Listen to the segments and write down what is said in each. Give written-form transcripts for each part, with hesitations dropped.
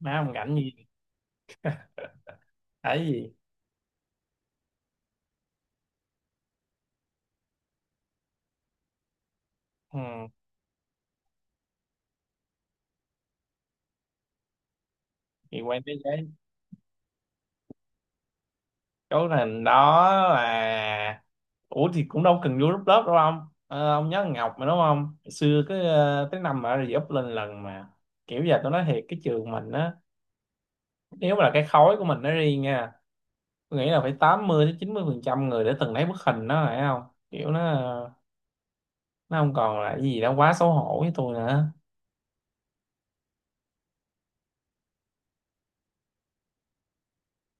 Má không rảnh gì ấy gì. ừ. Thì quen thế giới chỗ thành đó là, ủa thì cũng đâu cần vô group lớp đâu ông. Ờ, ông nhớ thằng Ngọc mà đúng không? Hồi xưa cái tới năm mà rồi up lên lần mà, kiểu giờ tôi nói thiệt cái trường mình á, nếu mà là cái khối của mình nó riêng nha, tôi nghĩ là phải 80 đến 90 phần trăm người để từng lấy bức hình đó phải không? Kiểu nó nó không còn là cái gì đó quá xấu hổ với tôi nữa.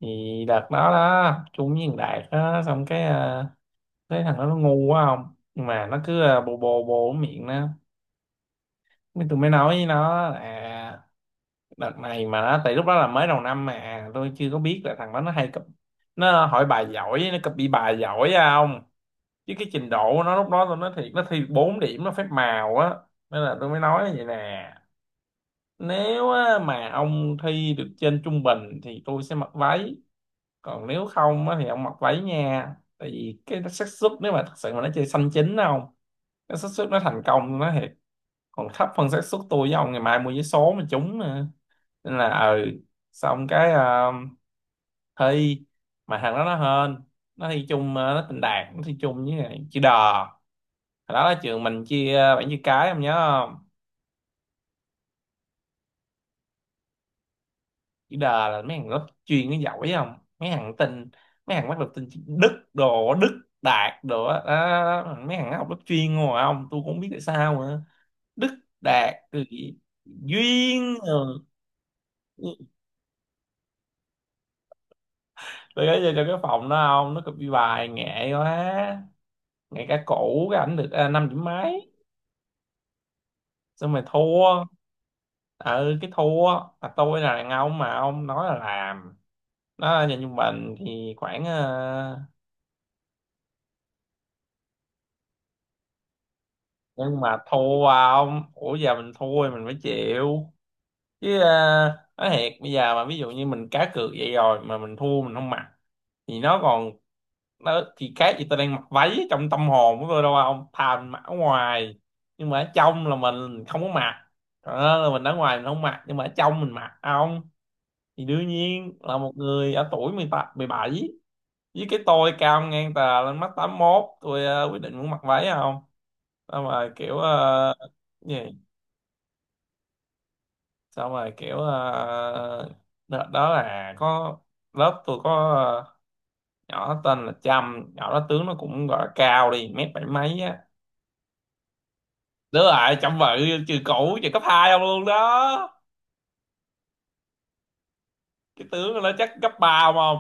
Thì đợt đó đó chung với thằng Đạt á, xong cái thấy thằng đó nó ngu quá không, nhưng mà nó cứ bồ bồ bồ cái miệng nó. Mới tôi mới nói với nó là đợt này mà nó, tại lúc đó là mới đầu năm mà tôi chưa có biết là thằng đó nó hay cập, nó hỏi bài giỏi, nó copy bài giỏi á không. Chứ cái trình độ của nó lúc đó tôi nói thiệt, nó thi 4 điểm nó phép màu á. Nên là tôi mới nói vậy nè, nếu á, mà ông thi được trên trung bình thì tôi sẽ mặc váy, còn nếu không á, thì ông mặc váy nha. Tại vì cái xác suất nếu mà thật sự mà nó chơi xanh chín không, cái xác suất nó thành công nó thiệt còn thấp hơn xác suất tôi với ông ngày mai mua vé số mà trúng nữa. Nên là ừ, xong cái thi mà thằng đó nó hên, nó thi chung nó tình đạt, nó thi chung với lại chữ đờ. Hồi đó là trường mình chia bảng chữ cái ông nhớ không? Chữ đờ là mấy thằng lớp chuyên nó giỏi không, mấy thằng tin, mấy thằng bắt được tin chữ đức đồ đức đạt đồ á, đó, đó, đó. Mấy thằng nó học lớp chuyên ngồi không, tôi cũng không biết tại sao nữa. Đức Đạt rồi gì? Duyên rồi. Tôi gửi cho cái phòng đó ông, nó copy bài nghệ quá, nghệ cả cũ cái ảnh được năm điểm mấy, xong rồi thua. Ừ, cái thua là tôi là đàn ông mà, ông nói là làm. Đó nhà trung bình thì khoảng nhưng mà thua ông, ủa giờ mình thua thì mình phải chịu chứ nói thiệt bây giờ mà ví dụ như mình cá cược vậy rồi mà mình thua mình không mặc, thì nó còn, nó thì khác gì tôi đang mặc váy trong tâm hồn của tôi đâu không, thà mặc ở ngoài nhưng mà ở trong là mình không có mặc. Đó, là mình ở ngoài mình không mặc nhưng mà ở trong mình mặc không. Thì đương nhiên là một người ở tuổi mười tám, mười bảy với cái tôi cao ngang tà lên mắt 81 tôi quyết định muốn mặc váy không. Sao mà kiểu ờ, gì sao mà kiểu ờ, đợt đó là có, lớp tôi có ờ, nhỏ tên là Trâm, nhỏ đó tướng nó cũng gọi là cao đi mét bảy mấy á. Đúng rồi, chăm vợ, trường cũ trường cấp 2 không luôn đó. Cái tướng của nó chắc cấp 3 không không.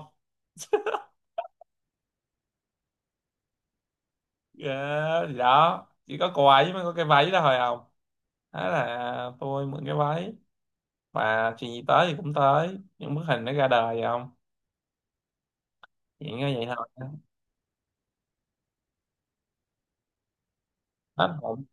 Dạ, thì đó chỉ có quà ấy mới có cái váy đó thôi không, thế là tôi mượn cái váy, và chuyện gì tới thì cũng tới, những bức hình nó ra đời vậy không. Chuyện như vậy thôi. Hết hồn.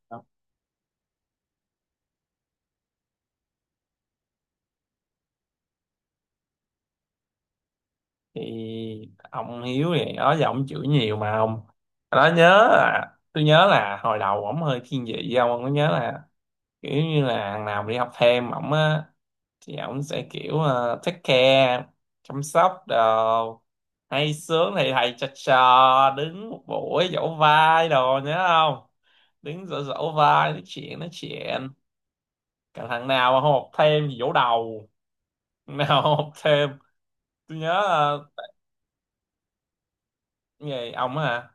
Thì ông Hiếu thì đó giờ ông chửi nhiều mà ông, đó nhớ là, tôi nhớ là hồi đầu ổng hơi thiên vị với ông có nhớ là kiểu như là thằng nào mà đi học thêm ổng á, thì ổng sẽ kiểu take care, chăm sóc đồ, hay sướng thì thầy trò trò đứng một buổi dỗ vai đồ nhớ không, đứng dỗ dỗ vai nói chuyện nói chuyện. Cả thằng nào mà không học thêm thì dỗ đầu, thằng nào không học thêm. Tôi nhớ cái gì ông á hả?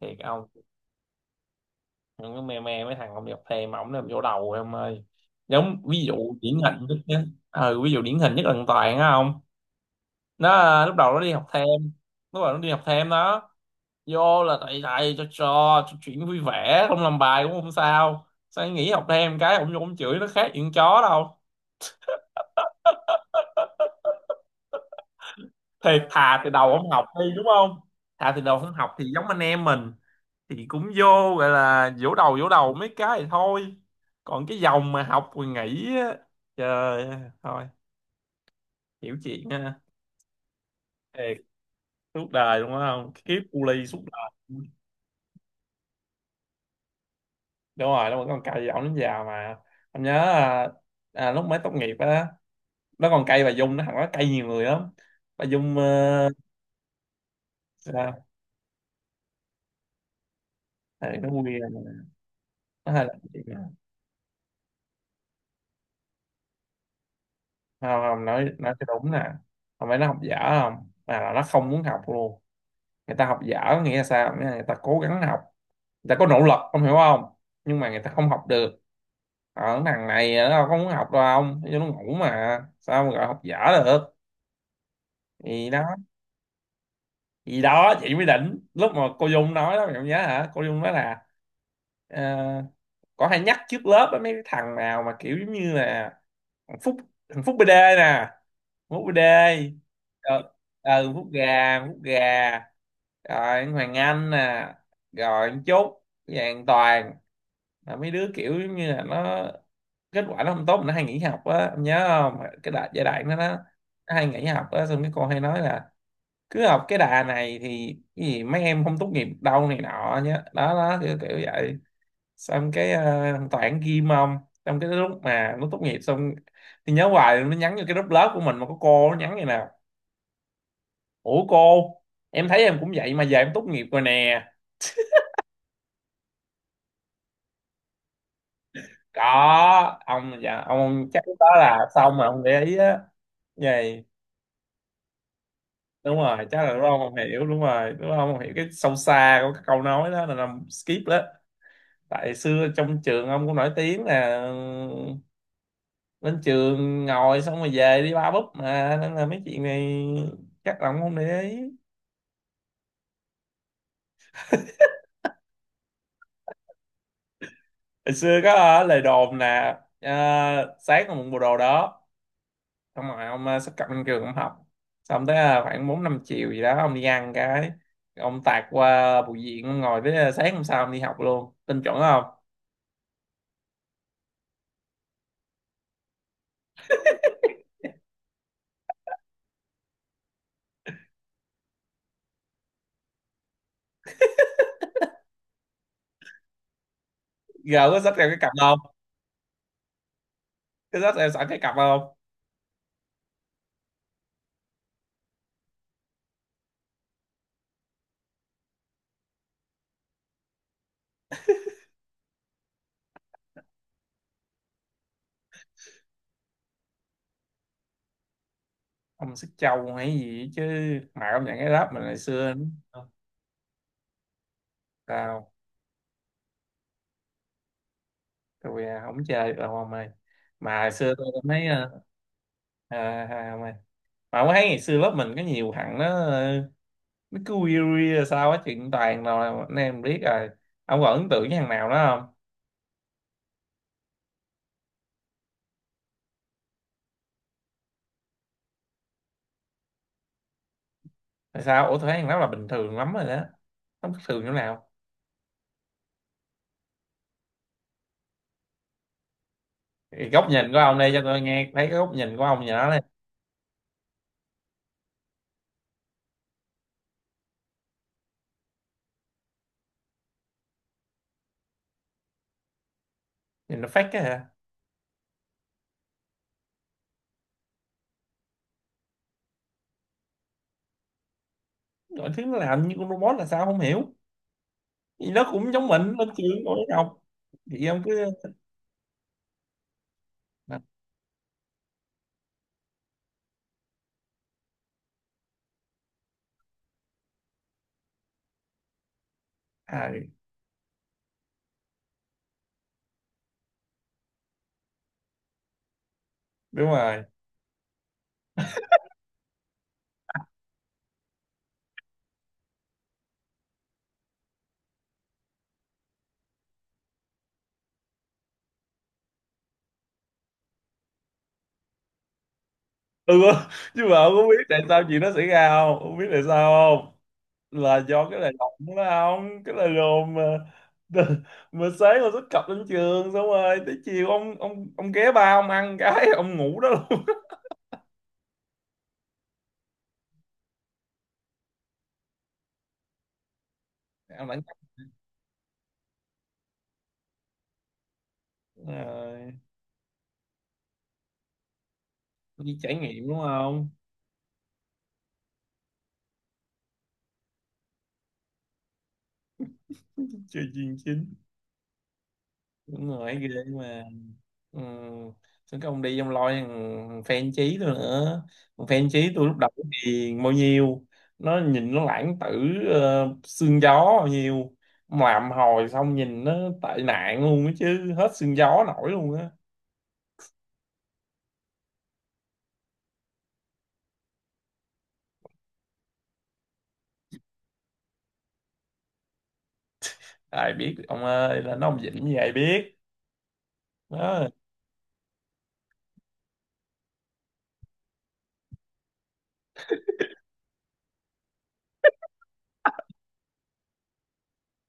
Thiệt ông cứ me me mấy thằng không đi học thêm mà ông làm dỗ đầu em ơi. Giống ví dụ điển hình nhất nhé, ừ, ví dụ điển hình nhất là thằng Toàn á không, nó lúc đầu nó đi học thêm lúc đầu nó đi học thêm đó, vô là thầy thầy cho trò, cho chuyện vui vẻ không làm bài cũng không sao, sao nghỉ học thêm cái ông vô ông chửi nó khác chuyện chó đâu. Thiệt thà thì đầu không học đi đúng không, thà thì đầu không học thì giống anh em mình thì cũng vô gọi là vỗ đầu mấy cái thì thôi. Còn cái dòng mà học rồi nghỉ á, trời ơi, thôi, hiểu chuyện ha, thiệt, suốt đời đúng không, kiếp cu ly suốt đời. Đúng rồi, nó vẫn còn cài giọng đến già mà. Anh nhớ lúc mới tốt nghiệp á, nó còn cay bà Dung, nó thằng nó cay nhiều người lắm. Bà Dung sao thì nó quen, nó hay là chuyện nè. Không không nói nói cho đúng nè, không phải nó học dở, không mà là nó không muốn học luôn. Người ta học dở có nghĩa là sao, nghĩa là người ta cố gắng học, người ta có nỗ lực ông hiểu không, nhưng mà người ta không học được. Ở thằng này nó đâu có muốn học đâu, ông cho nó ngủ mà sao mà gọi học dở được. Thì đó, thì đó chị mới đỉnh lúc mà cô Dung nói đó, mày không nhớ hả? Cô Dung nói là ờ, có hay nhắc trước lớp á, mấy cái thằng nào mà kiểu giống như là thằng Phúc, thằng Phúc BD nè, Phúc BD ờ, thằng Phúc gà, thằng Phúc gà, rồi anh Hoàng Anh nè, rồi anh Trúc Vàng Toàn, là mấy đứa kiểu giống như là nó kết quả nó không tốt mà nó hay nghỉ học á, em nhớ không cái đại giai đoạn đó nó hay nghỉ học á, xong cái cô hay nói là cứ học cái đà này thì cái gì mấy em không tốt nghiệp đâu này nọ nhá, đó đó kiểu, kiểu vậy. Xong cái thằng Toản ghim ông, xong cái lúc mà nó tốt nghiệp xong thì nhớ hoài nó nhắn vô cái group lớp của mình mà có cô, nó nhắn như nào, ủa cô em thấy em cũng vậy mà giờ em tốt nghiệp rồi nè. Có ông, dạ ông chắc lúc đó là xong mà ông để ý á, vậy, đúng rồi chắc là lúc đó ông không hiểu, đúng rồi lúc đó ông không hiểu cái sâu xa của cái câu nói đó là làm skip đó. Tại xưa trong trường ông cũng nổi tiếng là lên trường ngồi xong rồi về đi ba búp mà, nên là mấy chuyện này chắc là ông không để ý. Hồi xưa có lời đồn là sáng ông mượn bộ đồ đó, xong rồi ông xách cặp lên trường ông học, xong tới khoảng bốn năm chiều gì đó ông đi ăn cái, ông tạt qua bụi viện ông ngồi tới sáng hôm sau ông đi học luôn tin chuẩn không. Giờ có xách theo cái cặp không, có xách theo sẵn cái cặp không? Ông xách trâu hay gì chứ, mà ông nhận cái ráp mình hồi xưa nữa. Sao, tôi không chơi được đâu ông ơi. Mà hồi xưa tôi cũng thấy ông ơi, mà ông thấy ngày xưa lớp mình có nhiều thằng nó nó cứ weary rồi sao á chuyện toàn rồi anh em biết rồi, ông còn ấn tượng với thằng nào đó không? Tại sao, ủa tôi thấy thằng đó là bình thường lắm rồi đó, không bình thường chỗ nào? Thì góc nhìn của ông đây cho tôi nghe thấy cái góc nhìn của ông nhỏ này. Nhìn nó phát cái hả? Mọi thứ nó làm như con robot là sao không hiểu, thì nó cũng giống mình lên trường ngồi học. Thì ông cứ à, đúng rồi. Ừ, nhưng mà ông có biết tại sao chuyện nó xảy ra không? Không biết tại sao, không, là do cái lời đồn đó, không cái lời đồn mà mà sáng ông xuất cập lên trường xong rồi tới chiều ông ghé ba ông ăn cái ông ngủ đó luôn. Ông đã nhắc rồi, đi trải nghiệm đúng không, chơi chuyên chính, đúng rồi ghê mà. Ừ. Chứ cái ông đi ông loi, thằng fan chí tôi nữa, thằng fan chí tôi lúc đầu thì bao nhiêu, nó nhìn nó lãng tử, xương gió bao nhiêu. Mà làm hồi xong nhìn nó tệ nạn luôn á, chứ hết xương gió nổi luôn á. Ai biết được ông ơi là nó ông dĩnh như vậy biết, đó.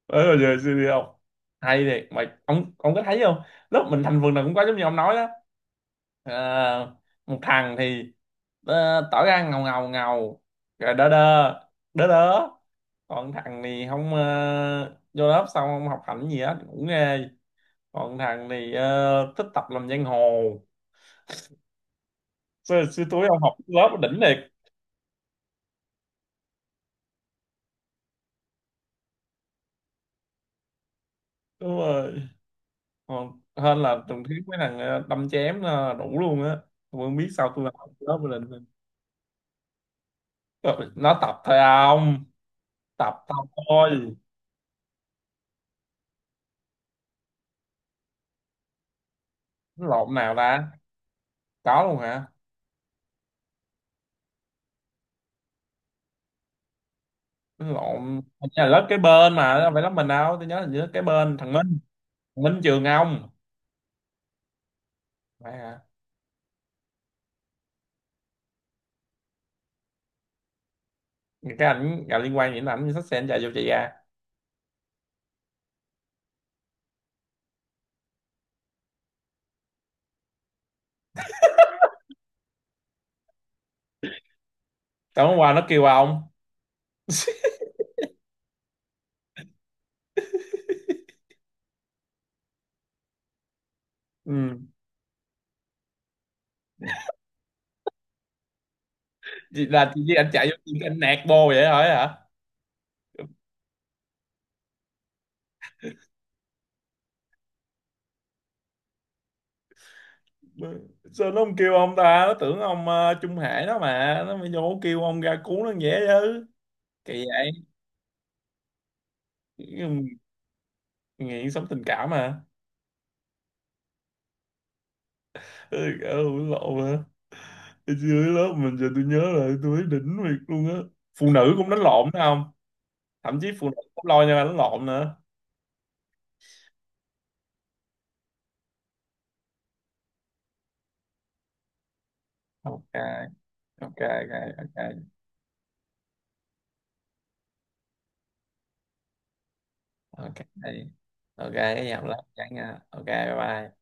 Ờ giờ xưa đi không, hay thiệt mà ông có thấy không lúc mình thành vườn nào cũng có giống như ông nói đó. Ờ, Một thằng thì tỏ ra ngầu ngầu ngầu, rồi đơ đơ đơ đớ. Còn thằng thì không, vô lớp xong không học hành gì hết cũng ghê. Còn thằng thì thích tập làm giang hồ. Xưa, xưa túi ông học lớp đỉnh liệt, đúng rồi, còn hơn là từng thiếu mấy thằng đâm chém đủ luôn á. Tôi không biết sao tôi làm lớp với lên. Trời, nó tập thôi ông, tập tao thôi. Nó lộn nào ta, có luôn hả? Nó lộn, hình như là lớp kế bên mà đâu phải lớp mình đâu, tôi nhớ là lớp kế bên thằng Minh, thằng Minh trường ông, phải hả? Những cái ảnh liên quan đến ảnh thì sách sẽ anh chạy vô chị ra. Tối hôm qua nó kêu ông. Ừ. Chị- là chị với ảnh chạy vô chị anh nạt bô vậy hỏi hả, sao nó không kêu ông ta, nó tưởng ông Trung Hải đó mà, nó mới vô kêu ông ra cứu nó dễ chứ. Kỳ vậy. Ừ, nghiện sống tình cảm mà. Ừ, ừ, lộ mà. Hồi xưa dưới lớp mình giờ tôi nhớ lại tôi thấy đỉnh việc luôn á, phụ nữ cũng đánh lộn phải không, thậm chí phụ nữ cũng lo nhau đánh lộn nữa. Ok, ok, ok. Ok, ok, ok cái giọng lắm chẳng nha. Ok, bye bye.